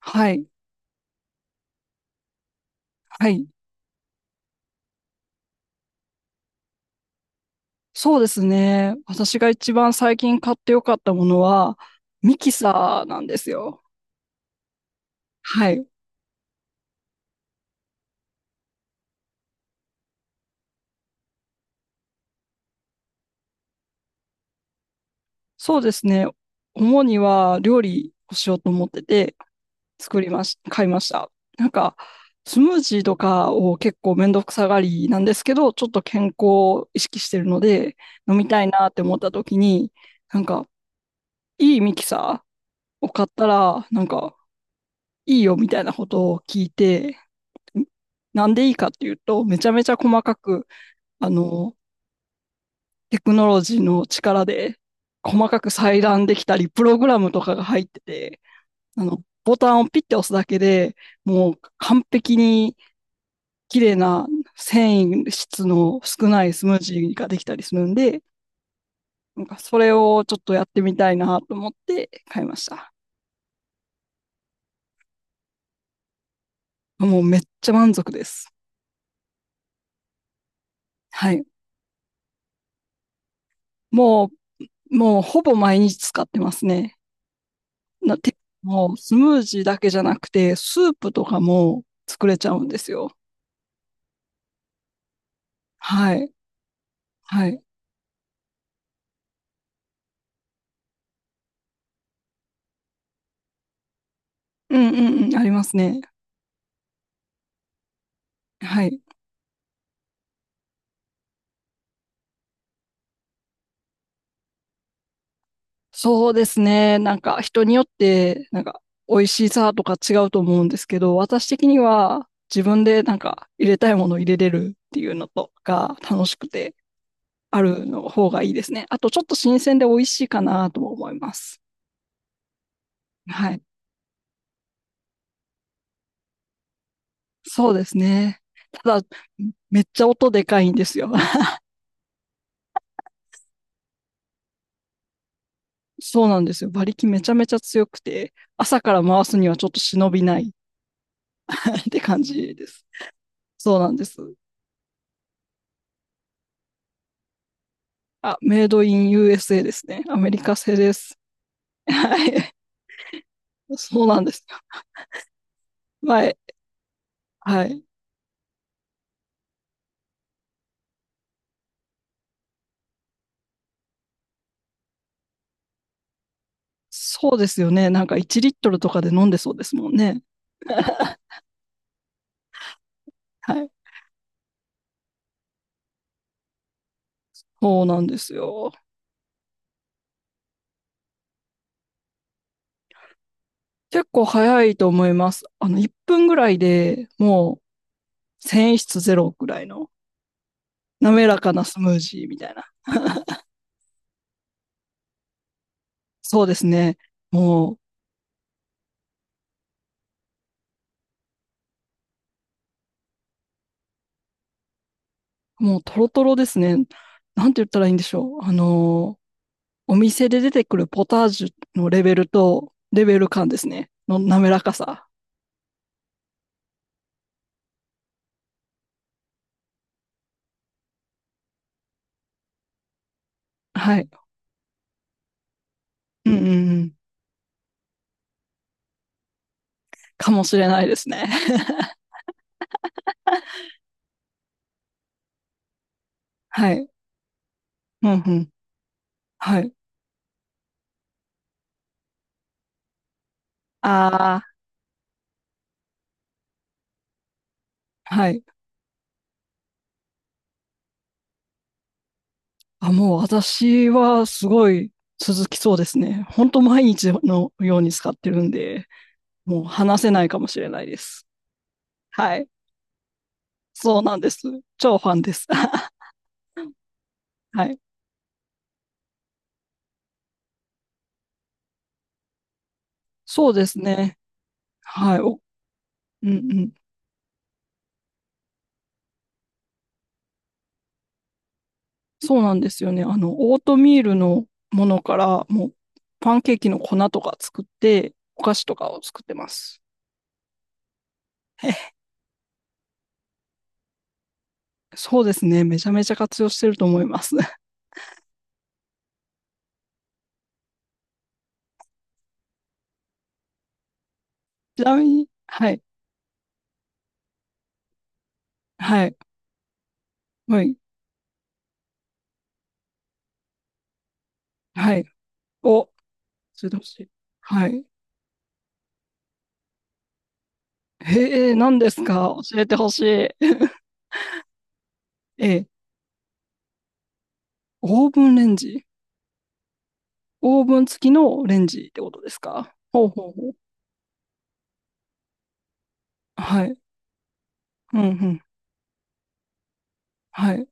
はい、はい。そうですね。私が一番最近買ってよかったものは、ミキサーなんですよ。はい。そうですね。主には料理をしようと思ってて、作りまし、買いました。なんか、スムージーとかを結構めんどくさがりなんですけど、ちょっと健康を意識してるので、飲みたいなって思った時に、なんか、いいミキサーを買ったら、なんか、いいよみたいなことを聞いて、なんでいいかっていうと、めちゃめちゃ細かく、あの、テクノロジーの力で、細かく裁断できたり、プログラムとかが入ってて、ボタンをピッて押すだけで、もう完璧に綺麗な繊維質の少ないスムージーができたりするんで、なんかそれをちょっとやってみたいなと思って買いました。もうめっちゃ満足です。はい。ももうほぼ毎日使ってますね。な、て、もうスムージーだけじゃなくて、スープとかも作れちゃうんですよ。はい。はい。うんうんうん、ありますね。はい。そうですね。なんか人によって、なんか美味しさとか違うと思うんですけど、私的には自分でなんか入れたいものを入れれるっていうのとか楽しくてあるの方がいいですね。あとちょっと新鮮で美味しいかなとも思います。はい。そうですね。ただ、めっちゃ音でかいんですよ。そうなんですよ。馬力めちゃめちゃ強くて、朝から回すにはちょっと忍びない って感じです。そうなんです。あ、メイドイン USA ですね。アメリカ製です。はい。そうなんです。はい、はい。そうですよね。なんか1リットルとかで飲んでそうですもんね。はい。そうなんですよ。結構早いと思います。1分ぐらいでもう、繊維質ゼロぐらいの滑らかなスムージーみたいな。そうですね。もう、もうトロトロですね。なんて言ったらいいんでしょう。お店で出てくるポタージュのレベルと、レベル感ですね。の滑らかさ。はい。うんうんうん。かもしれないですね。はい。うんうん。はい。ああ、はい。あ、もう私はすごい続きそうですね。本当毎日のように使ってるんで、もう話せないかもしれないです。はい。そうなんです。超ファンです。はい。そうですね。はい。お、うんうん。そうなんですよね。オートミールのものから、もう、パンケーキの粉とか作って、お菓子とかを作ってます。そうですね。めちゃめちゃ活用してると思います。ちなみに、はい、はい、はい、はい。お、教えてほしい。はい。へえ、何ですか？教えてほしい。ええ、オーブンレンジ。オーブン付きのレンジってことですか？ほうほうほう。はい。うんうん。はい。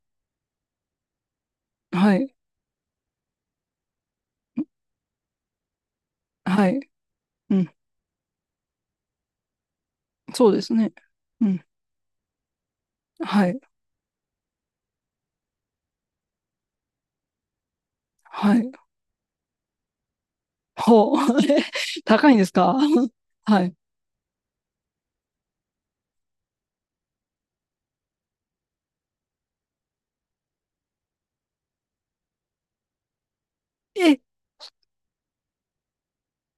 はい。はい。うん。そうですね。うん。はい。はい。ほう。え、高いんですか？はい。え、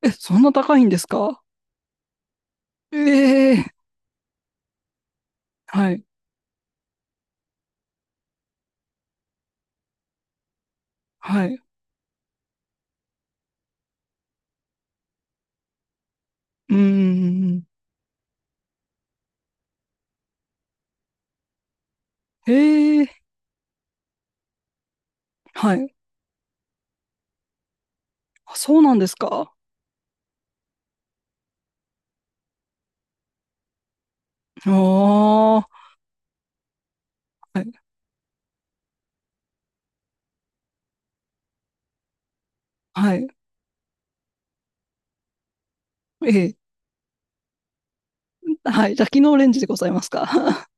え、そんな高いんですか？ええ。はい。はい。うんんえ。はい。あ、そうなんですか？ああ、はい、はい。ええ。はい、じゃあ、機能レンジでございますか？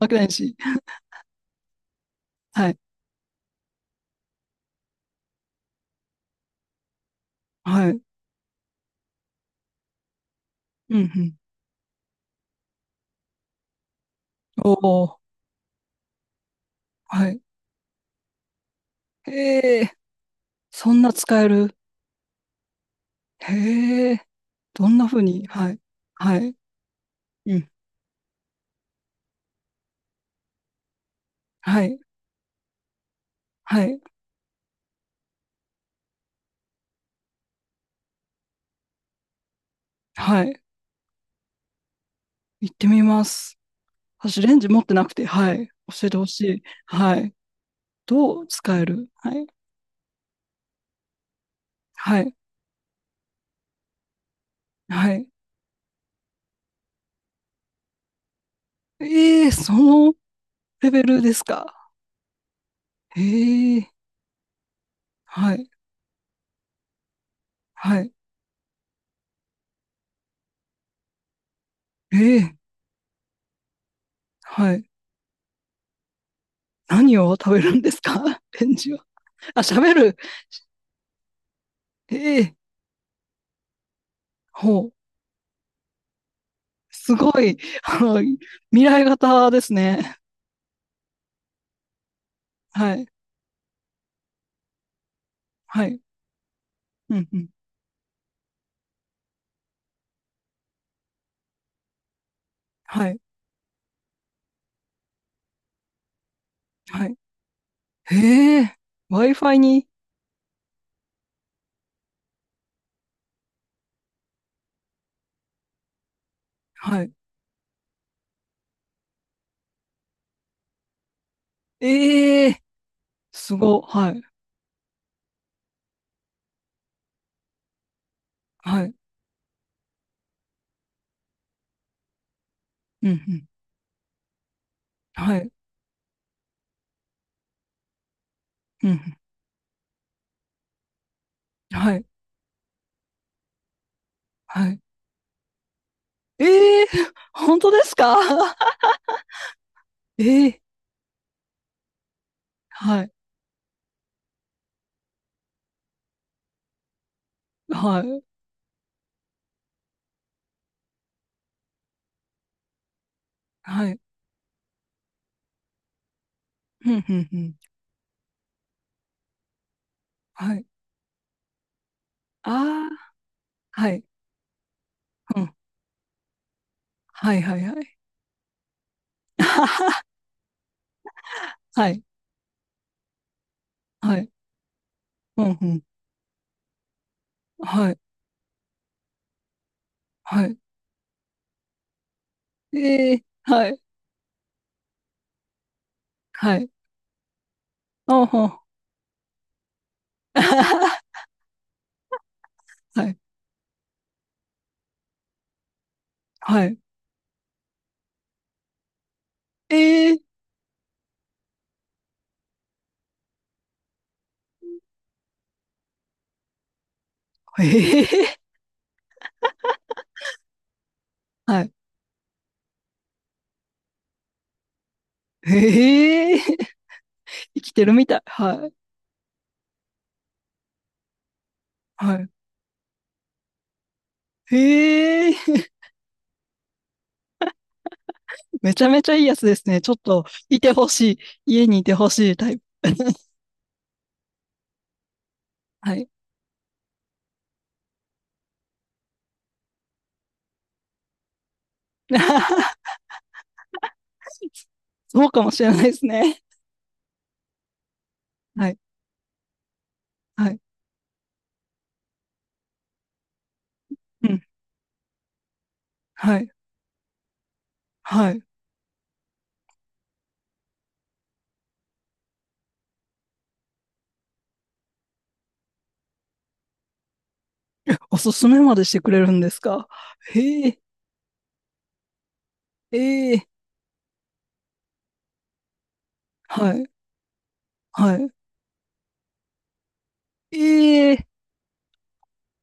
爆いし、はい、はい。うんうん。おお、はい。ええ、そんな使える。へえ、どんな風に？はい、はい。うん、はい、はい、はい。行ってみます。私、レンジ持ってなくて、はい。教えてほしい。はい。どう使える？はい。はい。はい。ええ、そのレベルですか？ええはい。はい。ええはい。何を食べるんですか？ レンジは。あ、喋る。ええほう。すごい。あの、未来型ですね。はい。はい。うんうん。はい。はい。ええ、 Wi-Fi に。はい。ええ、すご。はい。はい。うんうん。はい。うんうん。はい、はい。ええ！本当ですか？ええ。はい、はい、はい。ふんふんふん。はい。ああ、はい。うん。はいはいはい。はい、はい。うん、うんうんうんはい、はい。ええ、はい、はい。ああ、はあ はい、はい。ええ。ええ、はいうんうんはいはいええはいはいあはあはいはいええええはいへえ、生きてるみたい。はい、はい。へえ。めちゃめちゃいいやつですね。ちょっと、いてほしい。家にいてほしいタイプ。はい。そうかもしれないですね。はい。はい。うん。はい。はい。おすすめまでしてくれるんですか？へえ。ええ。はい。はい。ええ。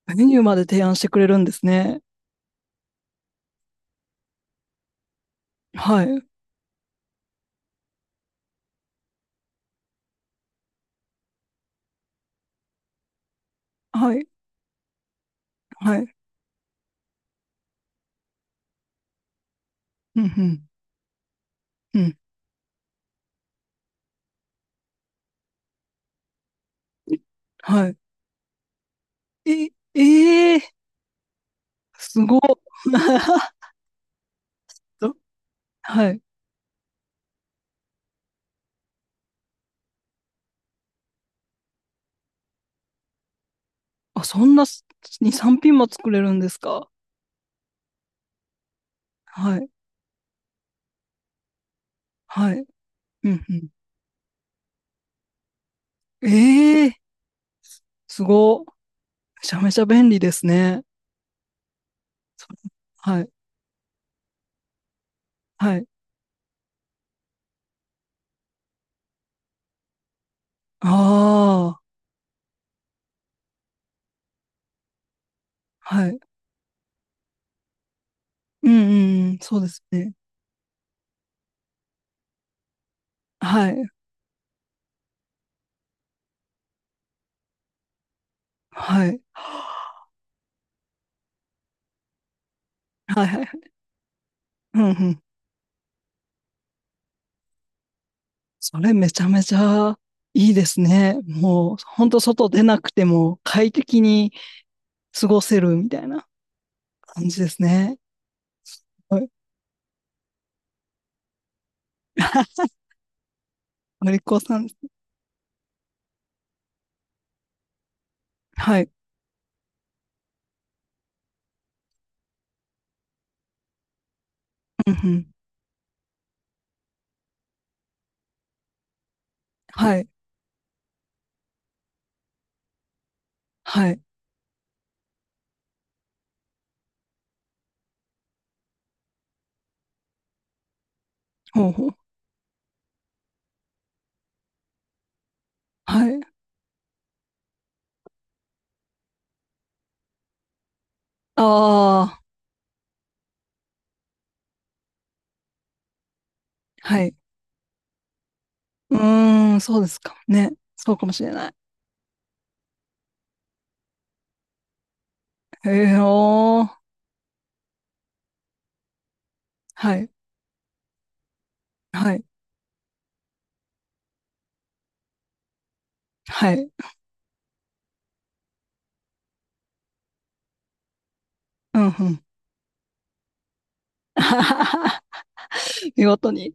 メニューまで提案してくれるんですね。はい。はい。はい。うんうん。うん。はい。え、ええ、すごっ。どはい。あ、そんな2、3品も作れるんですか？はい。はい。うんうん。ええ、すご。めちゃめちゃ便利ですね。そはい。はい。ああ、はい。うんうんうん。そうですね。はい。はい。はいはいはい。うんうん。それめちゃめちゃいいですね。もう、ほんと外出なくても快適に過ごせるみたいな感じですね。はい。お利口さん。はい。うんうん。はい。はい。ほうほう。はい。ああ、はい。うーん、そうですかもね。そうかもしれない。へえ、おー。はい。はい。はい。うん、うん。見事に、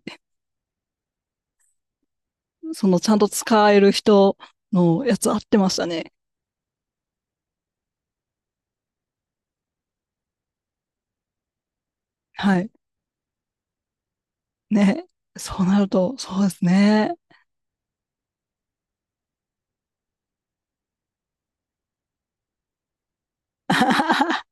ちゃんと使える人のやつ合ってましたね。はい。ね。そうなると、そうですね。